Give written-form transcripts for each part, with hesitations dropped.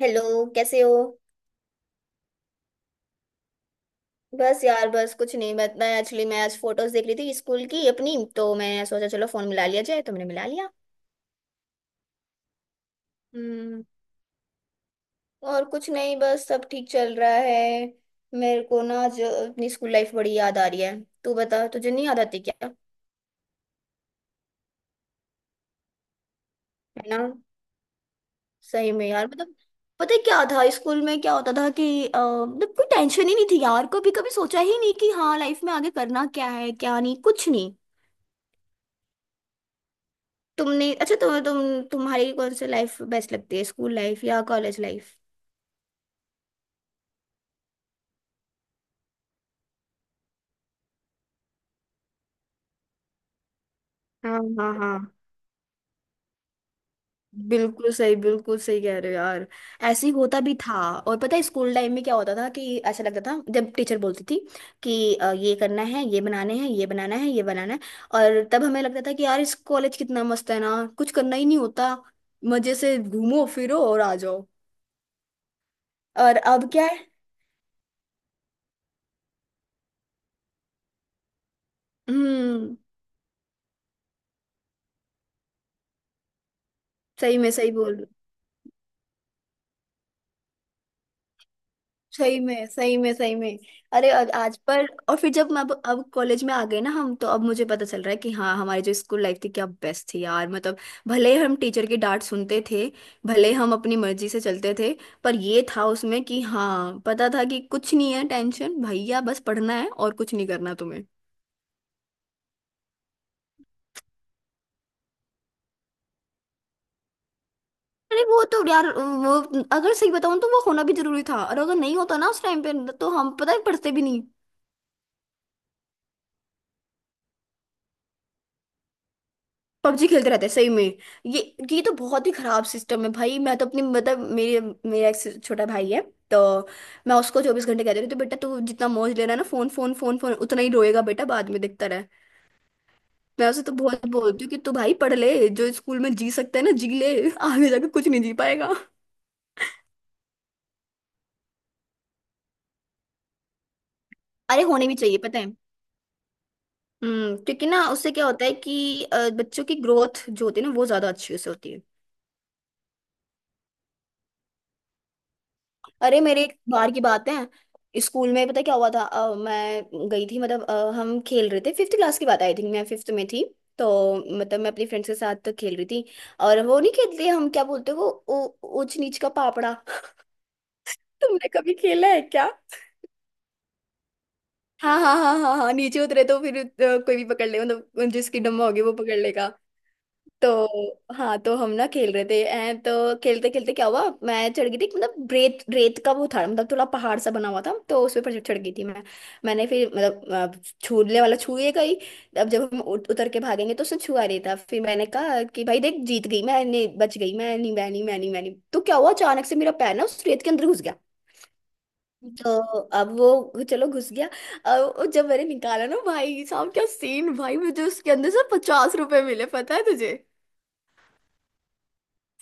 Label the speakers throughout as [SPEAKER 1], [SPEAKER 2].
[SPEAKER 1] Hello. कैसे हो? बस यार, बस कुछ नहीं, बस मैं आज फोटोज देख रही थी स्कूल की अपनी, तो मैंने सोचा चलो फोन मिला लिया जाए। तुमने मिला लिया। हम्म। और कुछ नहीं, बस सब ठीक चल रहा है। मेरे को ना जो अपनी स्कूल लाइफ बड़ी याद आ रही है। तू बता, तुझे नहीं याद आती क्या? है ना। सही में यार, मतलब पता है क्या था स्कूल में, क्या होता था कि मतलब कोई टेंशन ही नहीं थी यार। कभी कभी सोचा ही नहीं कि हाँ लाइफ में आगे करना क्या है, क्या नहीं, कुछ नहीं। तुमने अच्छा, तुम्हारी कौन सी लाइफ बेस्ट लगती है, स्कूल लाइफ या कॉलेज लाइफ? हाँ हाँ हाँ, बिल्कुल सही, बिल्कुल सही कह रहे हो यार। ऐसे ही होता भी था। और पता है स्कूल टाइम में क्या होता था कि ऐसा लगता था जब टीचर बोलती थी कि ये करना है, ये बनाने हैं, ये बनाना है, ये बनाना है। और तब हमें लगता था कि यार इस कॉलेज कितना मस्त है ना, कुछ करना ही नहीं होता। मजे से घूमो फिरो और आ जाओ। और अब क्या है। हम्म। सही में सही बोल। सही में, सही में, सही में। अरे आज आज पर। और फिर जब मैं अब कॉलेज में आ गए ना हम, तो अब मुझे पता चल रहा है कि हाँ हमारी जो स्कूल लाइफ थी क्या बेस्ट थी यार, मतलब भले हम टीचर की डांट सुनते थे, भले हम अपनी मर्जी से चलते थे, पर ये था उसमें कि हाँ पता था कि कुछ नहीं है टेंशन, भैया बस पढ़ना है और कुछ नहीं करना तुम्हें। अरे वो तो यार वो, अगर सही बताऊं तो वो होना भी जरूरी था, और अगर नहीं होता ना उस टाइम पे तो हम पता है पढ़ते भी नहीं। पबजी खेलते रहते हैं, सही में। ये ये तो बहुत ही खराब सिस्टम है भाई। मैं तो अपनी, मतलब मेरे मेरा एक छोटा भाई है। तो मैं उसको चौबीस घंटे कहती रहती हूँ, बेटा तू जितना मौज ले रहा है ना, फोन फोन फोन फोन, उतना ही रोएगा बेटा बाद में, देखता रहे। मैं उसे तो बहुत बोलती हूँ कि तू भाई पढ़ ले, जो स्कूल में जी सकता है ना जी ले, आगे जाके कुछ नहीं जी पाएगा। अरे होने भी चाहिए पता है। हम्म। क्योंकि ना उससे क्या होता है कि बच्चों की ग्रोथ जो होती है ना वो ज्यादा अच्छी उससे होती है। अरे मेरे एक बार की बात है, स्कूल में पता क्या हुआ था। मैं गई थी, मतलब हम खेल रहे थे, फिफ्थ क्लास की बात, आई थिंक मैं फिफ्थ में थी। तो मतलब मैं अपनी फ्रेंड्स के साथ खेल रही थी, और वो नहीं खेलते हम क्या बोलते हैं वो ऊंच नीच का पापड़ा तुमने कभी खेला है क्या? हाँ हाँ हाँ हाँ हाँ, नीचे उतरे तो फिर कोई भी पकड़ ले, मतलब जिसकी डम्मा होगी वो पकड़ लेगा। तो हाँ, तो हम ना खेल रहे थे हैं, तो खेलते खेलते क्या हुआ, मैं चढ़ गई थी, मतलब रेत, रेत का वो था, मतलब थोड़ा पहाड़ सा बना हुआ था तो उस पर चढ़ गई थी मैं। मैंने फिर मतलब छूने वाला छूए गई। अब जब हम उतर के भागेंगे तो उसने छुआ रही था, फिर मैंने कहा कि भाई देख जीत गई मैं नहीं, बच गई मैं नहीं, मैं नहीं, मैं नहीं, मैं नहीं। तो क्या हुआ अचानक से मेरा पैर ना उस रेत के अंदर घुस गया। तो अब वो चलो घुस गया। अब वो जब मैंने निकाला ना, भाई साहब क्या सीन भाई, मुझे उसके अंदर से 50 रुपए मिले पता है तुझे।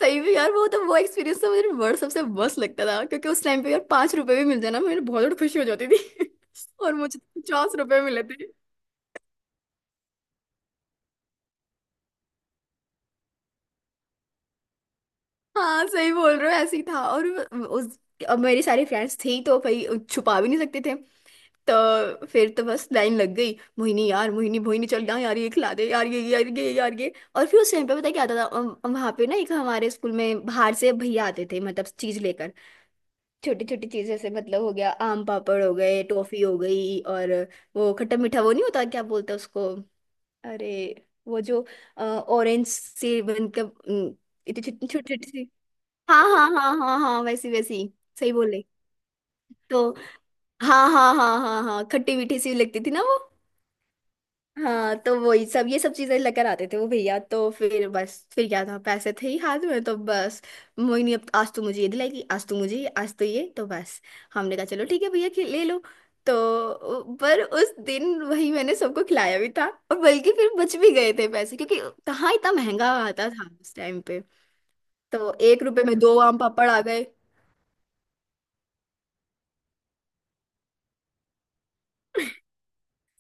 [SPEAKER 1] सही में यार, वो तो वो एक्सपीरियंस तो मुझे वर्ल्ड सबसे बस लगता था, क्योंकि उस टाइम पे यार 5 रुपए भी मिल जाना मेरे बहुत खुशी हो जाती थी। और मुझे तो 50 रुपए मिले थे। हाँ सही बोल रहे हो, ऐसे ही था। और उस, अब मेरी सारी फ्रेंड्स थी तो भाई छुपा भी नहीं सकते थे, तो फिर तो बस लाइन लग गई। मोहिनी यार, मोहिनी, मोहिनी चल जाओ यार, ये खिला दे यार, ये यार, ये यार, ये। और फिर उस टाइम पे पता क्या आता था, वहां पे ना एक हमारे स्कूल में बाहर से भैया आते थे, मतलब चीज लेकर, छोटी छोटी चीजें, से मतलब हो गया आम पापड़, हो गए टॉफी, हो गई, और वो खट्टा मीठा वो नहीं होता, क्या बोलते हैं उसको, अरे वो जो ऑरेंज से बनकर इतनी छोटी छोटी छोटी सी। हाँ हाँ हाँ हाँ हाँ वैसी वैसी। सही बोले। तो हाँ हाँ हाँ हाँ हाँ, खट्टी मीठी सी लगती थी ना वो। हाँ तो वही सब, ये सब चीजें लेकर आते थे वो भैया। तो फिर बस फिर क्या था, पैसे थे ही हाथ में, तो बस मोहिनी अब आज तू मुझे ये दिलाएगी, आज तू मुझे ये, आज तो ये तो बस। हमने कहा चलो ठीक है भैया ले लो। तो पर उस दिन वही मैंने सबको खिलाया भी था, और बल्कि फिर बच भी गए थे पैसे, क्योंकि कहाँ इतना महंगा आता था उस टाइम पे। तो 1 रुपए में 2 आम पापड़ आ गए।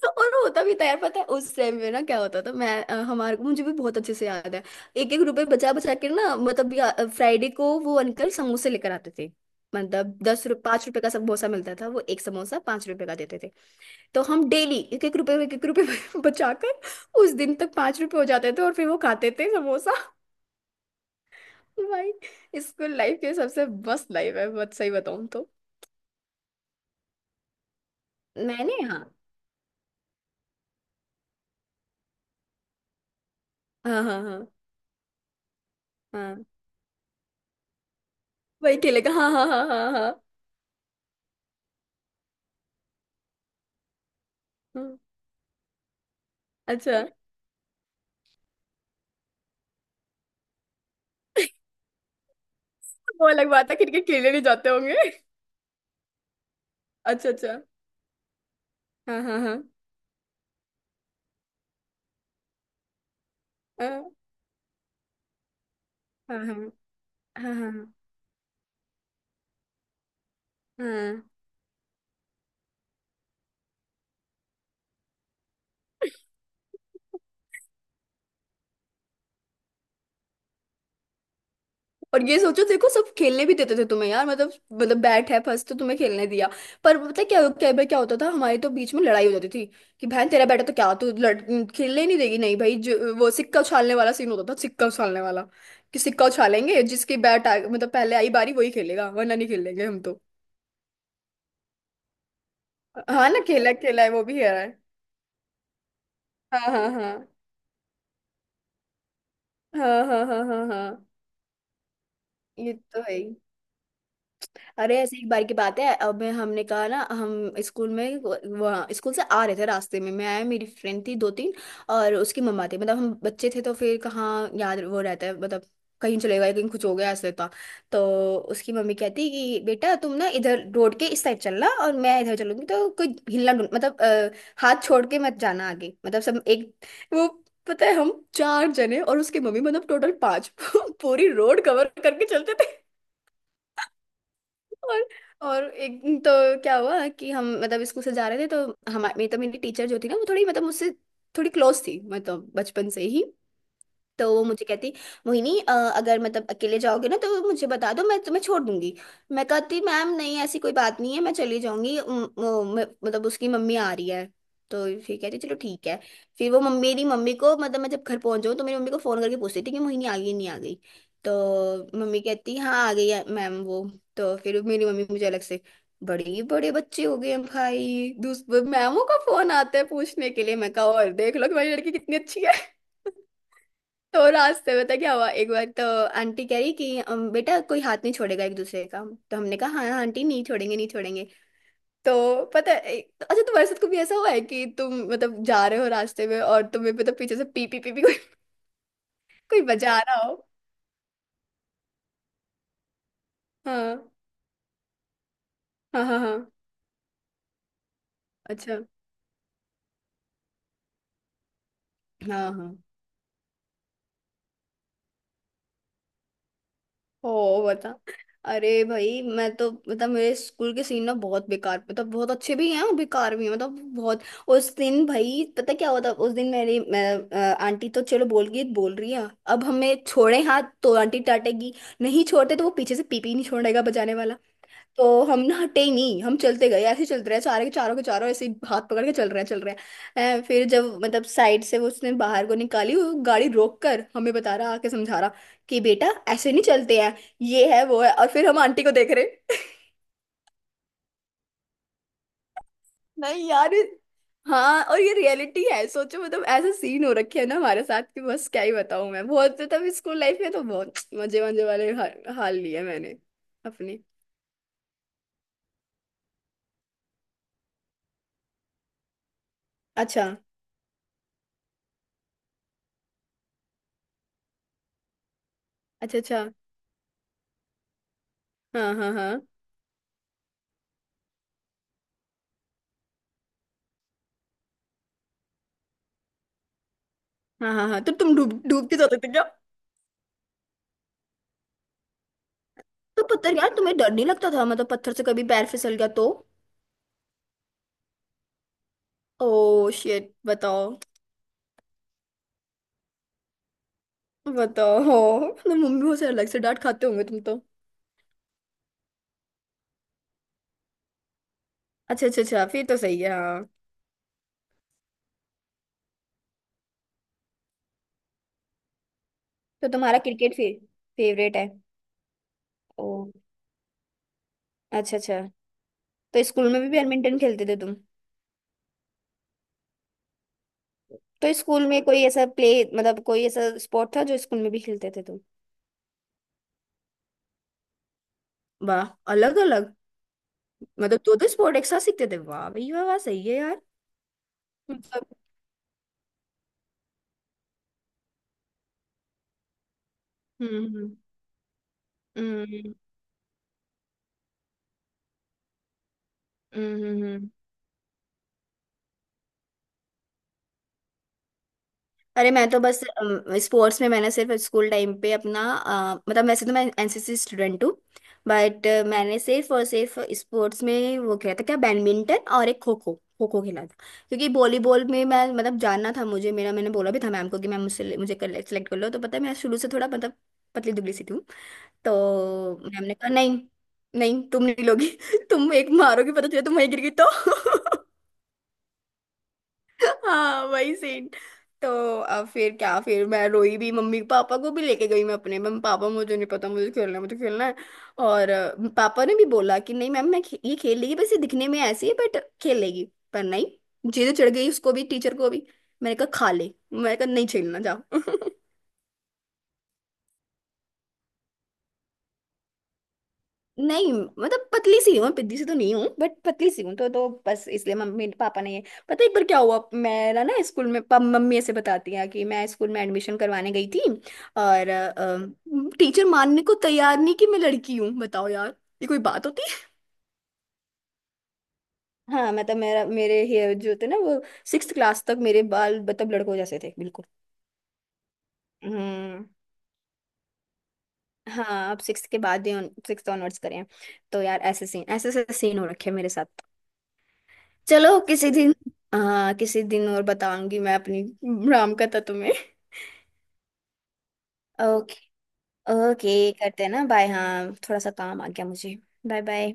[SPEAKER 1] तो और होता भी था यार, पता है उस टाइम पे ना क्या होता था, हमारे मुझे भी बहुत अच्छे से याद है, एक एक रुपए बचा बचा के ना, मतलब फ्राइडे को वो अंकल समोसे लेकर आते थे। मतलब 10 रुपये, 5 रुपए का समोसा मिलता था, वो एक समोसा 5 रुपए का देते थे। तो हम डेली एक एक रुपए, एक एक रुपए बचा कर उस दिन तक 5 रुपए हो जाते थे, और फिर वो खाते थे समोसा। भाई स्कूल लाइफ के सबसे मस्त लाइफ है, बहुत सही बताऊँ तो। मैंने हाँ। हाँ हाँ हाँ हाँ वही खेलेगा। हाँ हाँ हाँ हाँ हाँ हाँ, हाँ, अच्छा वो अलग बात है, क्रिकेट खेलने नहीं जाते होंगे। अच्छा अच्छा। हाँ हाँ हाँ हाँ हाँ हाँ हाँ हाँ हाँ। और ये सोचो देखो सब खेलने भी देते थे तुम्हें यार, मतलब मतलब बैट है फर्स्ट, तो तुम्हें खेलने दिया। पर पता है क्या क्या भाई क्या होता था, हमारी तो बीच में लड़ाई हो जाती थी कि बहन तेरा बैट है तो क्या तू लड़ खेलने ही नहीं देगी? नहीं भाई, जो वो सिक्का उछालने वाला सीन होता था, सिक्का उछालने वाला, कि सिक्का उछालेंगे, जिसकी बैट आ मतलब पहले आई बारी वही खेलेगा, वरना नहीं खेलेंगे हम तो। हाँ ना खेला है वो भी है। हाँ हाँ हाँ हाँ हाँ हाँ हाँ हाँ। ये तो है ही। अरे ऐसे एक बार की बात है, अब मैं हमने कहा ना हम स्कूल में, वहाँ स्कूल से आ रहे थे रास्ते में, मैं आया, मेरी फ्रेंड थी 2-3, और उसकी मम्मा थी, मतलब हम बच्चे थे तो फिर कहाँ याद वो रहता है, मतलब कहीं चले गए कहीं कुछ हो गया, ऐसे होता। तो उसकी मम्मी कहती कि बेटा तुम ना इधर रोड के इस साइड चलना और मैं इधर चलूंगी, तो कोई हिलना मतलब हाथ छोड़ के मत जाना आगे, मतलब सब एक वो। पता है हम 4 जने और उसकी मम्मी, मतलब टोटल 5 पूरी रोड कवर करके चलते थे। और और एक दिन तो क्या हुआ कि हम मतलब स्कूल से जा रहे थे, तो हमारी तो मेरी टीचर जो थी ना वो थोड़ी मतलब मुझसे थोड़ी क्लोज थी, मतलब बचपन से ही। तो वो मुझे कहती, मोहिनी, अगर मतलब अकेले जाओगे ना तो मुझे बता दो, मैं तुम्हें छोड़ दूंगी। मैं कहती मैम नहीं ऐसी कोई बात नहीं है, मैं चली जाऊंगी, मतलब उसकी मम्मी आ रही है। तो फिर कहती चलो ठीक है। फिर वो मम्मी मेरी मम्मी को, मतलब मैं जब घर पहुंच जाऊँ तो मेरी मम्मी को फोन करके पूछती थी कि मोहिनी आ गई नहीं आ गई, तो मम्मी कहती हाँ आ गई है मैम, वो। तो फिर मेरी मम्मी मुझे अलग से, बड़े बड़े बच्चे हो गए हम भाई, दूसरे मैमों का फोन आता है पूछने के लिए, मैं कहा और देख लो कि मेरी लड़की कितनी अच्छी है। तो रास्ते में तो क्या हुआ एक बार तो आंटी कह रही कि " बेटा कोई हाथ नहीं छोड़ेगा एक दूसरे का, तो हमने कहा हाँ हाँ, आंटी नहीं छोड़ेंगे, नहीं छोड़ेंगे। तो पता है एक- तो- अच्छा तुम्हारे साथ कभी ऐसा हुआ है कि तुम मतलब जा रहे हो रास्ते में और तुम्हें मतलब पीछे से पी पी पी, पी कोई, कोई बजा रहा हो? हाँ हाँ हाँ हाँ। अच्छा। हाँ हाँ। ओ बता। अरे भाई मैं तो मतलब मेरे स्कूल के सीन ना बहुत बेकार, मतलब बहुत अच्छे भी हैं और बेकार भी हैं, मतलब बहुत। उस दिन भाई पता क्या हुआ था, उस दिन आंटी तो चलो बोल गई, बोल रही है, अब हमें छोड़े हाथ तो आंटी डांटेगी, नहीं छोड़ते तो वो पीछे से पीपी नहीं छोड़ेगा बजाने वाला, तो हम ना हटे ही नहीं, हम चलते गए, ऐसे ही चलते रहे। चारों के चारों के चारों ऐसे ही हाथ पकड़ के चल रहे हैं, चल रहे हैं। फिर जब मतलब साइड से वो उसने बाहर को निकाली, वो गाड़ी रोक कर हमें बता रहा, आके समझा रहा कि बेटा, ऐसे नहीं चलते हैं, ये है वो है। और फिर हम आंटी को देख रहे। नहीं यार ये- हाँ, और ये रियलिटी है। सोचो मतलब ऐसा सीन हो रखे है ना हमारे साथ कि बस क्या ही बताऊं मैं। बहुत तब स्कूल लाइफ में तो बहुत मजे मजे वाले हाल लिए मैंने अपने। अच्छा अच्छा अच्छा। हाँ हाँ हाँ हाँ हाँ हाँ, तो तुम डूबते जाते थे क्या? तो पत्थर, यार तुम्हें डर नहीं लगता था? मतलब पत्थर से कभी पैर फिसल गया तो? ओ शिट, बताओ। बताओ मतलब मम्मी से अलग से डांट खाते होंगे तुम तो। अच्छा अच्छा अच्छा, फिर तो सही है, हाँ। तो तुम्हारा क्रिकेट फिर फेवरेट है? ओ, अच्छा अच्छा। तो स्कूल में भी बैडमिंटन खेलते थे तुम? तो स्कूल में कोई ऐसा प्ले, मतलब कोई ऐसा स्पोर्ट था जो स्कूल में भी खेलते थे तुम? वाह, अलग अलग। मतलब दो दो स्पोर्ट एक साथ सीखते थे, वाह भैया वाह, सही है यार। मतलब हम्म हम्म हम्म हम्म, हम्म। अरे मैं तो बस स्पोर्ट्स में, मैंने सिर्फ स्कूल टाइम पे अपना मतलब वैसे तो मैं एनसीसी स्टूडेंट हूँ। बट मैंने सिर्फ और सिर्फ स्पोर्ट्स में वो खेला था क्या, बैडमिंटन और एक खो खो, खो खो खेला था। क्योंकि वॉलीबॉल में मैं, मतलब जानना था मुझे, मेरा मैंने बोला भी था मैम को कि मैम मुझसे, मुझे कर सेलेक्ट कर लो। तो पता है मैं शुरू से थोड़ा मतलब पतली दुबली सी थी, हूँ। तो मैम ने कहा नहीं, नहीं तुम नहीं लोगी। तुम एक मारोगी पता चले तुम वहीं गिर गई तो। हाँ वही सीन। तो अब फिर क्या, फिर मैं रोई भी, मम्मी पापा को भी लेके गई मैं अपने, मैम पापा मुझे नहीं पता, मुझे खेलना है मुझे खेलना है। और पापा ने भी बोला कि नहीं मैम, ये खेल लेगी, बस ये दिखने में ऐसी है बट खेल लेगी। पर नहीं, जिद चढ़ गई उसको भी, टीचर को भी। मैंने कहा खा ले, मैंने कहा नहीं खेलना जाओ। नहीं मतलब पतली सी हूँ, पतली सी तो नहीं हूँ बट पतली सी हूँ, तो बस इसलिए मम्मी पापा ने। पता है एक बार क्या हुआ मेरा, ना स्कूल में मम्मी ऐसे बताती है कि मैं स्कूल में एडमिशन करवाने गई थी। और टीचर मानने को तैयार नहीं कि मैं लड़की हूँ, बताओ यार, ये कोई बात होती है। हाँ मतलब मेरा, मेरे हेयर जो थे ना वो सिक्स क्लास तक, मेरे बाल मतलब लड़कों जैसे थे बिल्कुल। हम्म। हाँ अब सिक्स के बाद ही, सिक्स ऑनवर्ड्स करें। तो यार ऐसे सीन, ऐसे ऐसे सीन हो रखे हैं मेरे साथ। चलो किसी दिन, हाँ किसी दिन और बताऊंगी मैं अपनी राम कथा तुम्हें। ओके। ओके करते हैं ना, बाय, हाँ थोड़ा सा काम आ गया मुझे। Bye bye.